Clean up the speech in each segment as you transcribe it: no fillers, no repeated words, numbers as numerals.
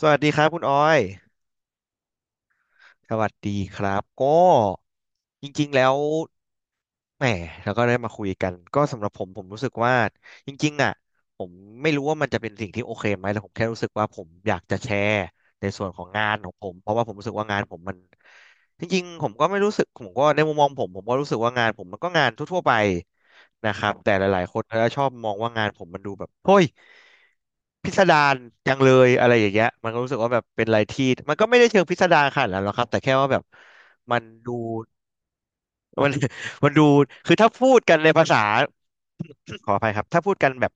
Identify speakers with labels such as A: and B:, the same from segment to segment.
A: สวัสดีครับคุณออย สวัสดีครับ ก็จริงๆ แล้ว แหมแล้วก็ได้มาคุยกันก็สำหรับผมรู้สึกว่าจริงๆอ่ะผมไม่รู้ว่ามันจะเป็นสิ่งที่โอเคไหมแต่ผมแค่รู้สึกว่าผมอยากจะแชร์ในส่วนของงานของผมเพราะว่าผมรู้สึกว่างานผมมันจริงๆผมก็ไม่รู้สึกผมก็ในมุมมองผมก็รู้สึกว่างานผมมันก็งานทั่วๆไปนะครับแต่หลายๆคนเขาจะชอบมองว่างานผมมันดูแบบเฮ้ยพิสดารจังเลยอะไรอย่างเงี้ยมันก็รู้สึกว่าแบบเป็นอะไรที่มันก็ไม่ได้เชิงพิสดารขนาดนั้นหรอกครับแต่แค่ว่าแบบมันดู มัน มันดูคือถ้าพูดกันในภาษา ขออภัยครับ ถ้าพูดกันแบบ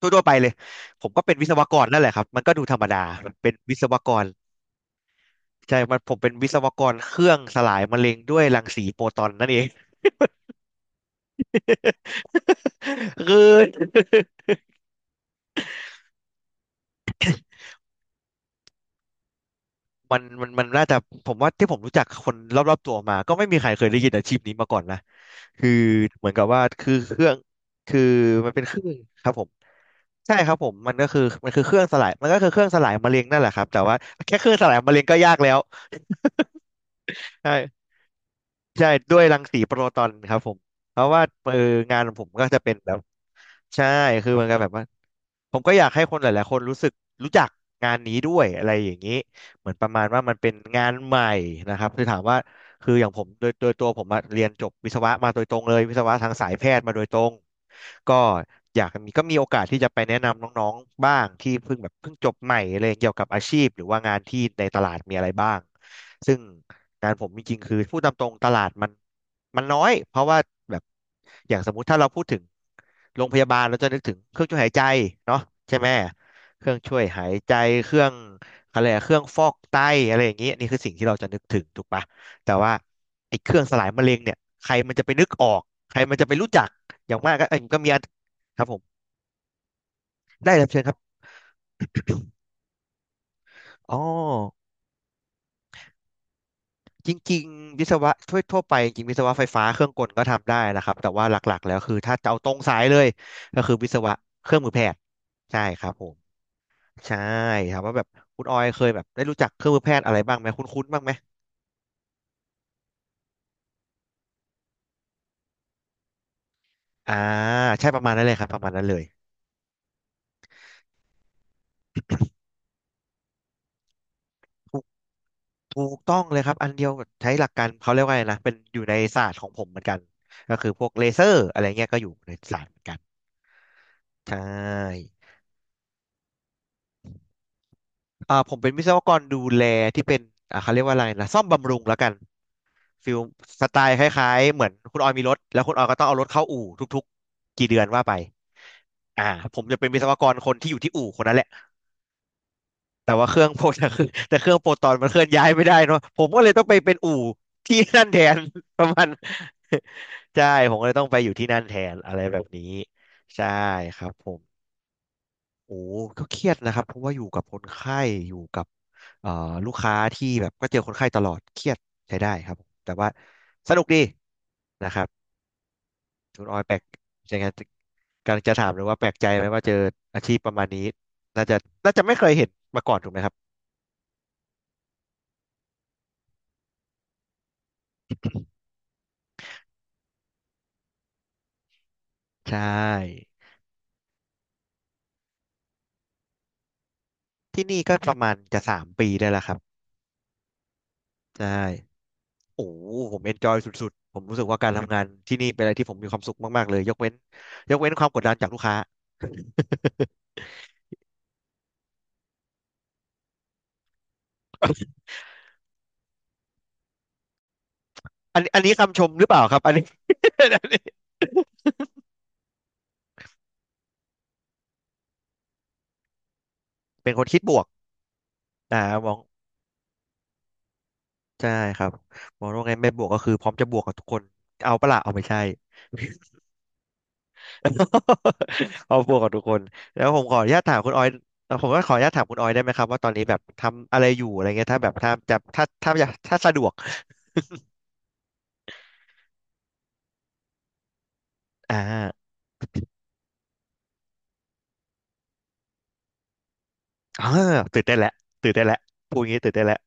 A: ทั่วๆไปเลย ผมก็เป็นวิศวกรนั่นแหละครับ มันก็ดูธรรมดามันเป็นวิศวกร ใช่มันผมเป็นวิศวกรเครื่องสลายมะเร็งด้วยรังสีโฟตอนนั่นเอง คือ มันน่าจะผมว่าที่ผมรู้จักคนรอบๆตัวมาก็ไม่มีใครเคยได้ยินอาชีพนี้มาก่อนนะคือเหมือนกับว่าคือเครื่องคือมันเป็นเครื่องครับผมใช่ครับผมมันก็คือมันคือเครื่องสลายมันก็คือเครื่องสลายมะเร็งนั่นแหละครับแต่ว่าแค่เครื่องสลายมะเร็งก็ยากแล้วใช่ ใช่ด้วยรังสีโปรตอนครับผมเพราะว่างานของผมก็จะเป็นแบบใช่คือเหมันก็แบบว่าผมก็อยากให้คนหลายๆคนรู้สึกรู้จักงานนี้ด้วยอะไรอย่างนี้เหมือนประมาณว่ามันเป็นงานใหม่นะครับคือถามว่าคืออย่างผมโดยตัวผมอะเรียนจบวิศวะมาโดยตรงเลยวิศวะทางสายแพทย์มาโดยตรงก็อยากมีก็มีโอกาสที่จะไปแนะนำน้องๆบ้างที่เพิ่งแบบเพิ่งจบใหม่อะไรเกี่ยวกับอาชีพหรือว่างานที่ในตลาดมีอะไรบ้างซึ่ง การผมจริงๆคือพูดตามตรงตลาดมันมันน้อยเพราะว่าแบบอย่างสมมุติถ้าเราพูดถึงโรงพยาบาลเราจะนึกถึงเครื่องช่วยหายใจเนาะใช่ไหมเครื่องช่วยหายใจเครื่องอะไรอะเครื่องฟอกไตอะไรอย่างเงี้ยนี่คือสิ่งที่เราจะนึกถึงถูกปะแต่ว่าไอ้เครื่องสลายมะเร็งเนี่ยใครมันจะไปนึกออกใครมันจะไปรู้จักอย่างมากก็เอ้ยก็มีอันครับผมได้รับเชิญครับอ๋อ จริงๆวิศวะทั่วไปจริงๆวิศวะไฟฟ้าเครื่องกลก็ทำได้นะครับแต่ว่าหลักๆแล้วคือถ้าจะเอาตรงสายเลยก็คือวิศวะเครื่องมือแพทย์ใช่ครับผมใช่ครับว่าแบบคุณออยเคยแบบได้รู้จักเครื่องมือแพทย์อะไรบ้างไหมคุ้นๆบ้างไหมอ่าใช่ประมาณนั้นเลยครับประมาณนั้นเลยถูกถูกต้องเลยครับอันเดียวกับใช้หลักการเขาเรียกว่าอะไรนะเป็นอยู่ในศาสตร์ของผมเหมือนกันก็คือพวกเลเซอร์อะไรเงี้ยก็อยู่ในศาสตร์เหมือนกันใช่อ่าผมเป็นวิศวกรดูแลที่เป็นอ่าเขาเรียกว่าอะไรนะซ่อมบำรุงแล้วกัน ฟิลสไตล์คล้ายๆเหมือนคุณออยมีรถแล้วคุณออยก็ต้องเอารถเข้าอู่ทุกๆกี่เดือนว่าไปอ่าผมจะเป็นวิศวกรคนที่อยู่ที่อู่คนนั้นแหละแต่ว่าเครื่องโปรตคือ แต่เครื่องโปรตอนมันเคลื่อนย้ายไม่ได้เนาะผมก็เลยต้องไปเป็นอู่ที่นั่นแทน ประมาณ ใช่ผมก็เลยต้องไปอยู่ที่นั่นแทนอะไรแบบนี้ใช่ครับผมโอ้ก็เครียดนะครับเพราะว่าอยู่กับคนไข้อยู่กับเอ่อลูกค้าที่แบบก็เจอคนไข้ตลอดเครียดใช้ได้ครับผมแต่ว่าสนุกดีนะครับ คุณออยแปลกยังไงกำลังจะถามเลยว่าแปลกใจไหมว่าเจออาชีพประมาณนี้น่าจะน่าจะไม่เคยเห็นมาก่อนถูกไหมครับใช่ที่นี่ก็ประมาณจะ3 ปีได้แล้วครับใช่โอ้โหผมเอนจอยสุดๆผมรู้สึกว่าการทำงานที่นี่เป็นอะไรที่ผมมีความสุขมากๆเลยยกเว้นยกเว้นความกดดันจากลูกค้าอันนี้อันนี้คำชมหรือเปล่าครับอันนี้ อันนี้ เป็นคนคิดบวกอ่ามองใช่ครับมองว่าไงไม่บวกก็คือพร้อมจะบวกกับทุกคนเอาปะล่ะเอาไม่ใช่ ครอบครัวของทุกคนแล้วผมขออนุญาตถามคุณออยผมก็ขออนุญาตถามคุณออยได้ไหมครับว่าตอนนี้แบบทำอะไรอยู่อะไรเงี้ยถ้าแบบถ้าจะถ้าถ้าอยากถ้าสะดวกอ่าอ่าตื่นได้นแหละตื่นได้นแหละพูดอย่างนี้ตื่นได้นแหละ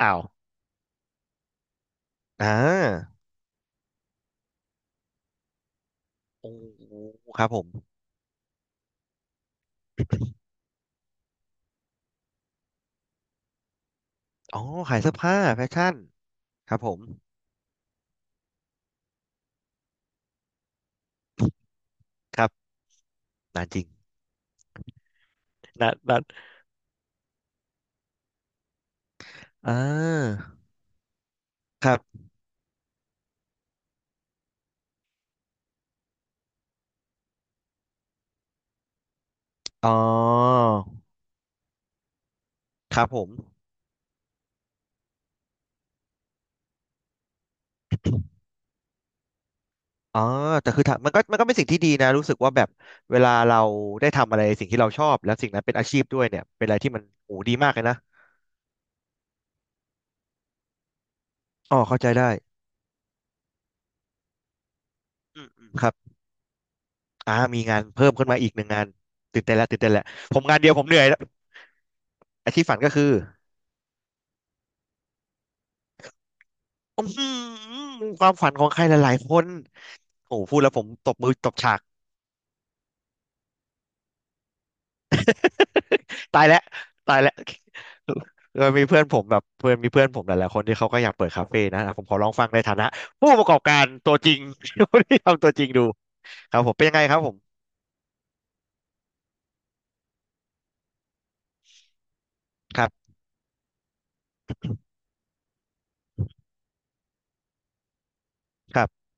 A: อ้าวอ่าโอ้โหครับผมอ๋อขายเสื้อผ้าแฟชั่นครับผมครับนานจริงนานนานอ่าครับอ๋อครับผม อ๋อแต่คือถ้ามันก็มันก็เป็นสิ่งที่ดีนะรู้สึกว่าแบบเวลาเราได้ทำอะไรสิ่งที่เราชอบแล้วสิ่งนั้นเป็นอาชีพด้วยเนี่ยเป็นอะไรที่มันโหดีมากเลยนะอ๋อเข้าใจได้อืมอืมครับมีงานเพิ่มขึ้นมาอีกหนึ่งงานตื่นเต้นแล้วตื่นเต้นแล้วผมงานเดียวผมเหนื่อยแล้วอาชีพฝันก็คืออื้อหือความฝันของใครหลายๆคนโอ้โหพูดแล้วผมตบมือตบฉาก ตายแล้วตายแล้วเออมีเพื่อนผมแบบเพื่อนมีเพื่อนผมหลายๆคนที่เขาก็อยากเปิดคาเฟ่นะอ่ะผมขอลองฟังในฐานะผู้ประกอบการตัวจริง ที่ทำตัวจริงดูครับผมเป็นยังไงครับผมครับครับ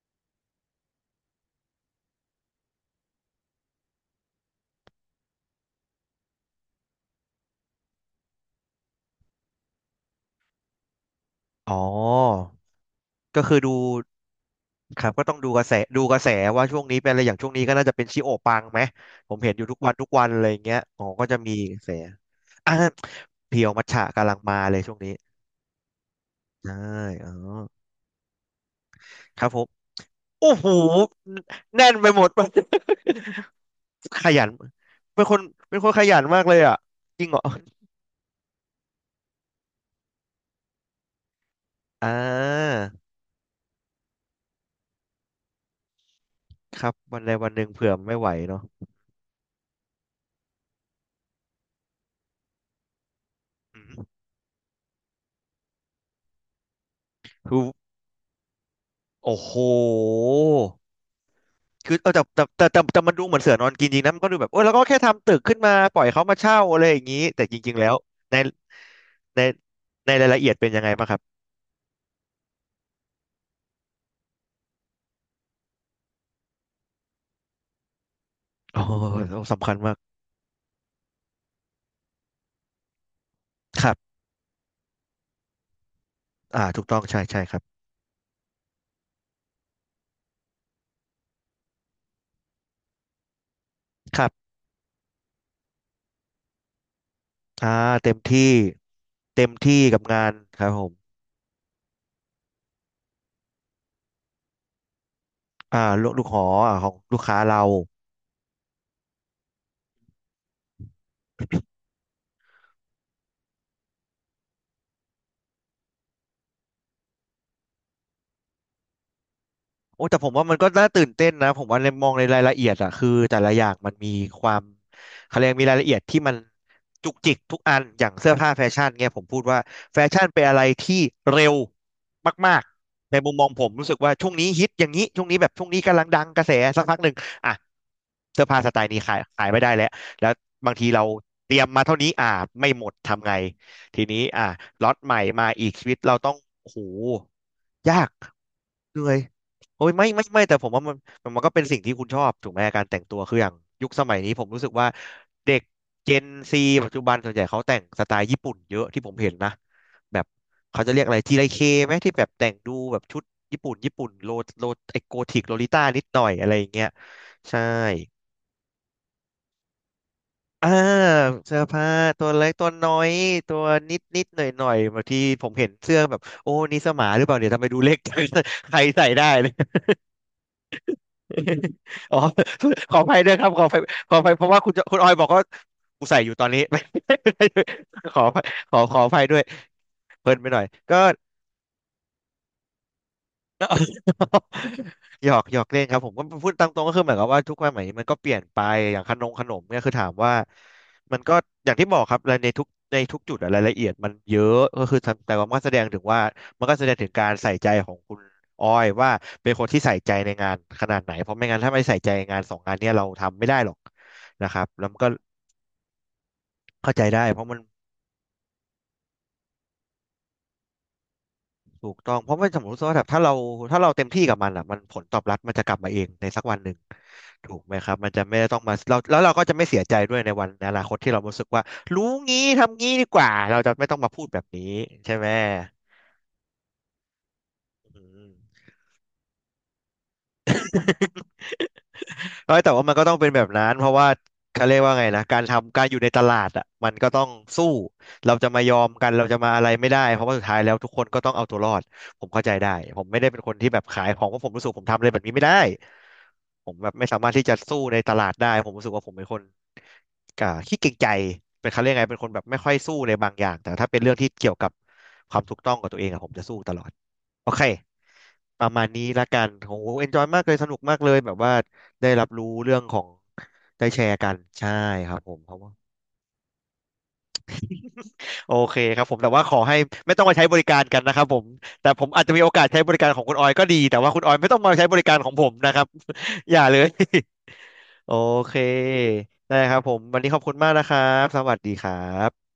A: อ๋อก็คือดูครับก็ต้องดูกระแสดูกระแสว่าช่วงนี้เป็นอะไรอย่างช่วงนี้ก็น่าจะเป็นชิโอปังไหมผมเห็นอยู่ทุกวันทุกวันอะไรอย่างเงี้ยอ๋อก็จะมีกระแสอ่ะเพียวมัทฉะกำลังมาเลยช่วงนี้ใช่อ๋อครับผม โอ้โหแน่นไปหมด ขยันเป็นคนเป็นคนขยันมากเลยอ่ะจริงเหรออ่าครับวันใดวันหนึ่งเผื่อไม่ไหวเนาะอืมคือโอ้โหคือเออแต่มันดูเหมือนเสือนอนกินจริงนะมันก็ดูแบบโอ้ยแล้วก็แค่ทำตึกขึ้นมาปล่อยเขามาเช่าอะไรอย่างนี้แต่จริงๆแล้วในในในรายละเอียดเป็นยังไงบ้างครับโอ้โหสำคัญมากครับถูกต้องใช่ใช่ครับครับอ่าเต็มที่เต็มที่กับงานครับผม ลูกลูกหอ่ของลูกค้าเรา โอ้แต่ผมว่ามันก็น่าตื่นเต้นนะผมว่าในมองในรายละเอียดอะคือแต่ละอย่างมันมีความเขาเรียกมีรายละเอียดที่มันจุกจิกทุกอันอย่างเสื้อผ้าแฟชั่นเนี่ยผมพูดว่าแฟชั่นเป็นอะไรที่เร็วมากๆในมุมมองผมรู้สึกว่าช่วงนี้ฮิตอย่างนี้ช่วงนี้แบบช่วงนี้กำลังดังกระแสสักพักหนึ่งอ่ะเสื้อผ้าสไตล์นี้ขายขายไม่ได้แล้วแล้วบางทีเราเตรียมมาเท่านี้ไม่หมดทำไงทีนี้ล็อตใหม่มาอีกชีวิตเราต้องโอ้โหยากเหนื่อย โอ้ยไม่แต่ผมว่ามันมันก็เป็นสิ่งที่คุณชอบถูกไหมการแต่งตัวคืออย่างยุคสมัยนี้ผมรู้สึกว่าเด็กเจนซีปัจจุบันส่วนใหญ่เขาแต่งสไตล์ญี่ปุ่นเยอะที่ผมเห็นนะแบบเขาจะเรียกอะไรจีไรเคไหมที่แบบแต่งดูแบบชุดญี่ปุ่นโลโลไอโกธิกโลลิต้านิดหน่อยอะไรอย่างเงี้ยใช่อ่าเสื้อผ้าตัวเล็กตัวน้อยตัวนิดนิดหน่อยหน่อยบางทีผมเห็นเสื้อแบบโอ้นี่เสอหมาหรือเปล่าเนี่ยทำไมดูเล็กจัง ใครใส่ได้ อ๋อขออภัยด้วยครับขออภัยขออภัยเพราะว่าคุณจะคุณออยบอกว่ากูใส่อยู่ตอนนี้ ไม่ขออภัยขอขออภัยด้วยเพลินไปหน่อยก็ หยอกหยอกเล่นครับผมก็พูดตามตรงก็คือเหมือนกับว่าทุกความหมายมันก็เปลี่ยนไปอย่างขนมขนมเนี่ยคือถามว่ามันก็อย่างที่บอกครับในทุกในทุกจุดอะรายละเอียดมันเยอะก็คือทำแต่ว่ามันก็แสดงถึงว่ามันก็แสดงถึงการใส่ใจของคุณอ้อยว่าเป็นคนที่ใส่ใจในงานขนาดไหนเพราะไม่งั้นถ้าไม่ใส่ใจงานสองงานเนี่ยเราทำไม่ได้หรอกนะครับแล้วมันก็เข้าใจได้เพราะมัน ถูกต้องเพราะว่าสมมติว่าแบบถ้าเราถ้าเราเต็มที่กับมันอ่ะมันผลตอบรับมันจะกลับมาเองในสักวันหนึ่งถูกไหมครับมันจะไม่ต้องมาเราแล้วเราก็จะไม่เสียใจด้วยในวันในอนาคตที่เรารู้สึกว่ารู้งี้ทำงี้ดีกว่าเราจะไม่ต้องมาพูดแบบนี้ใช่ไหมอืม เอ้ยแต่ว่ามันก็ต้องเป็นแบบนั้นเพราะว่าเขาเรียกว่าไงนะการทำการอยู่ในตลาดอ่ะมันก็ต้องสู้เราจะมายอมกันเราจะมาอะไรไม่ได้เพราะว่าสุดท้ายแล้วทุกคนก็ต้องเอาตัวรอดผมเข้าใจได้ผมไม่ได้เป็นคนที่แบบขายของเพราะผมรู้สึกผมทำอะไรแบบนี้ไม่ได้ผมแบบไม่สามารถที่จะสู้ในตลาดได้ผมรู้สึกว่าผมเป็นคนขี้เกรงใจเป็นเขาเรียกไงเป็นคนแบบไม่ค่อยสู้ในบางอย่างแต่ถ้าเป็นเรื่องที่เกี่ยวกับความถูกต้องกับตัวเองอะผมจะสู้ตลอดโอเค ประมาณนี้ละกันโอ้เอนจอยมากเลยสนุกมากเลยแบบว่าได้รับรู้เรื่องของได้แชร์กันใช่ครับผมเพราะว่าโอเคครับผมแต่ว่าขอให้ไม่ต้องมาใช้บริการกันนะครับผมแต่ผมอาจจะมีโอกาสใช้บริการของคุณออยก็ดีแต่ว่าคุณออยไม่ต้องมาใช้บริการของผมนะครับ อย่าเลย โอเคได้ครับผมวันนี้ขอบคุณมากนะครับสวัสดีครับ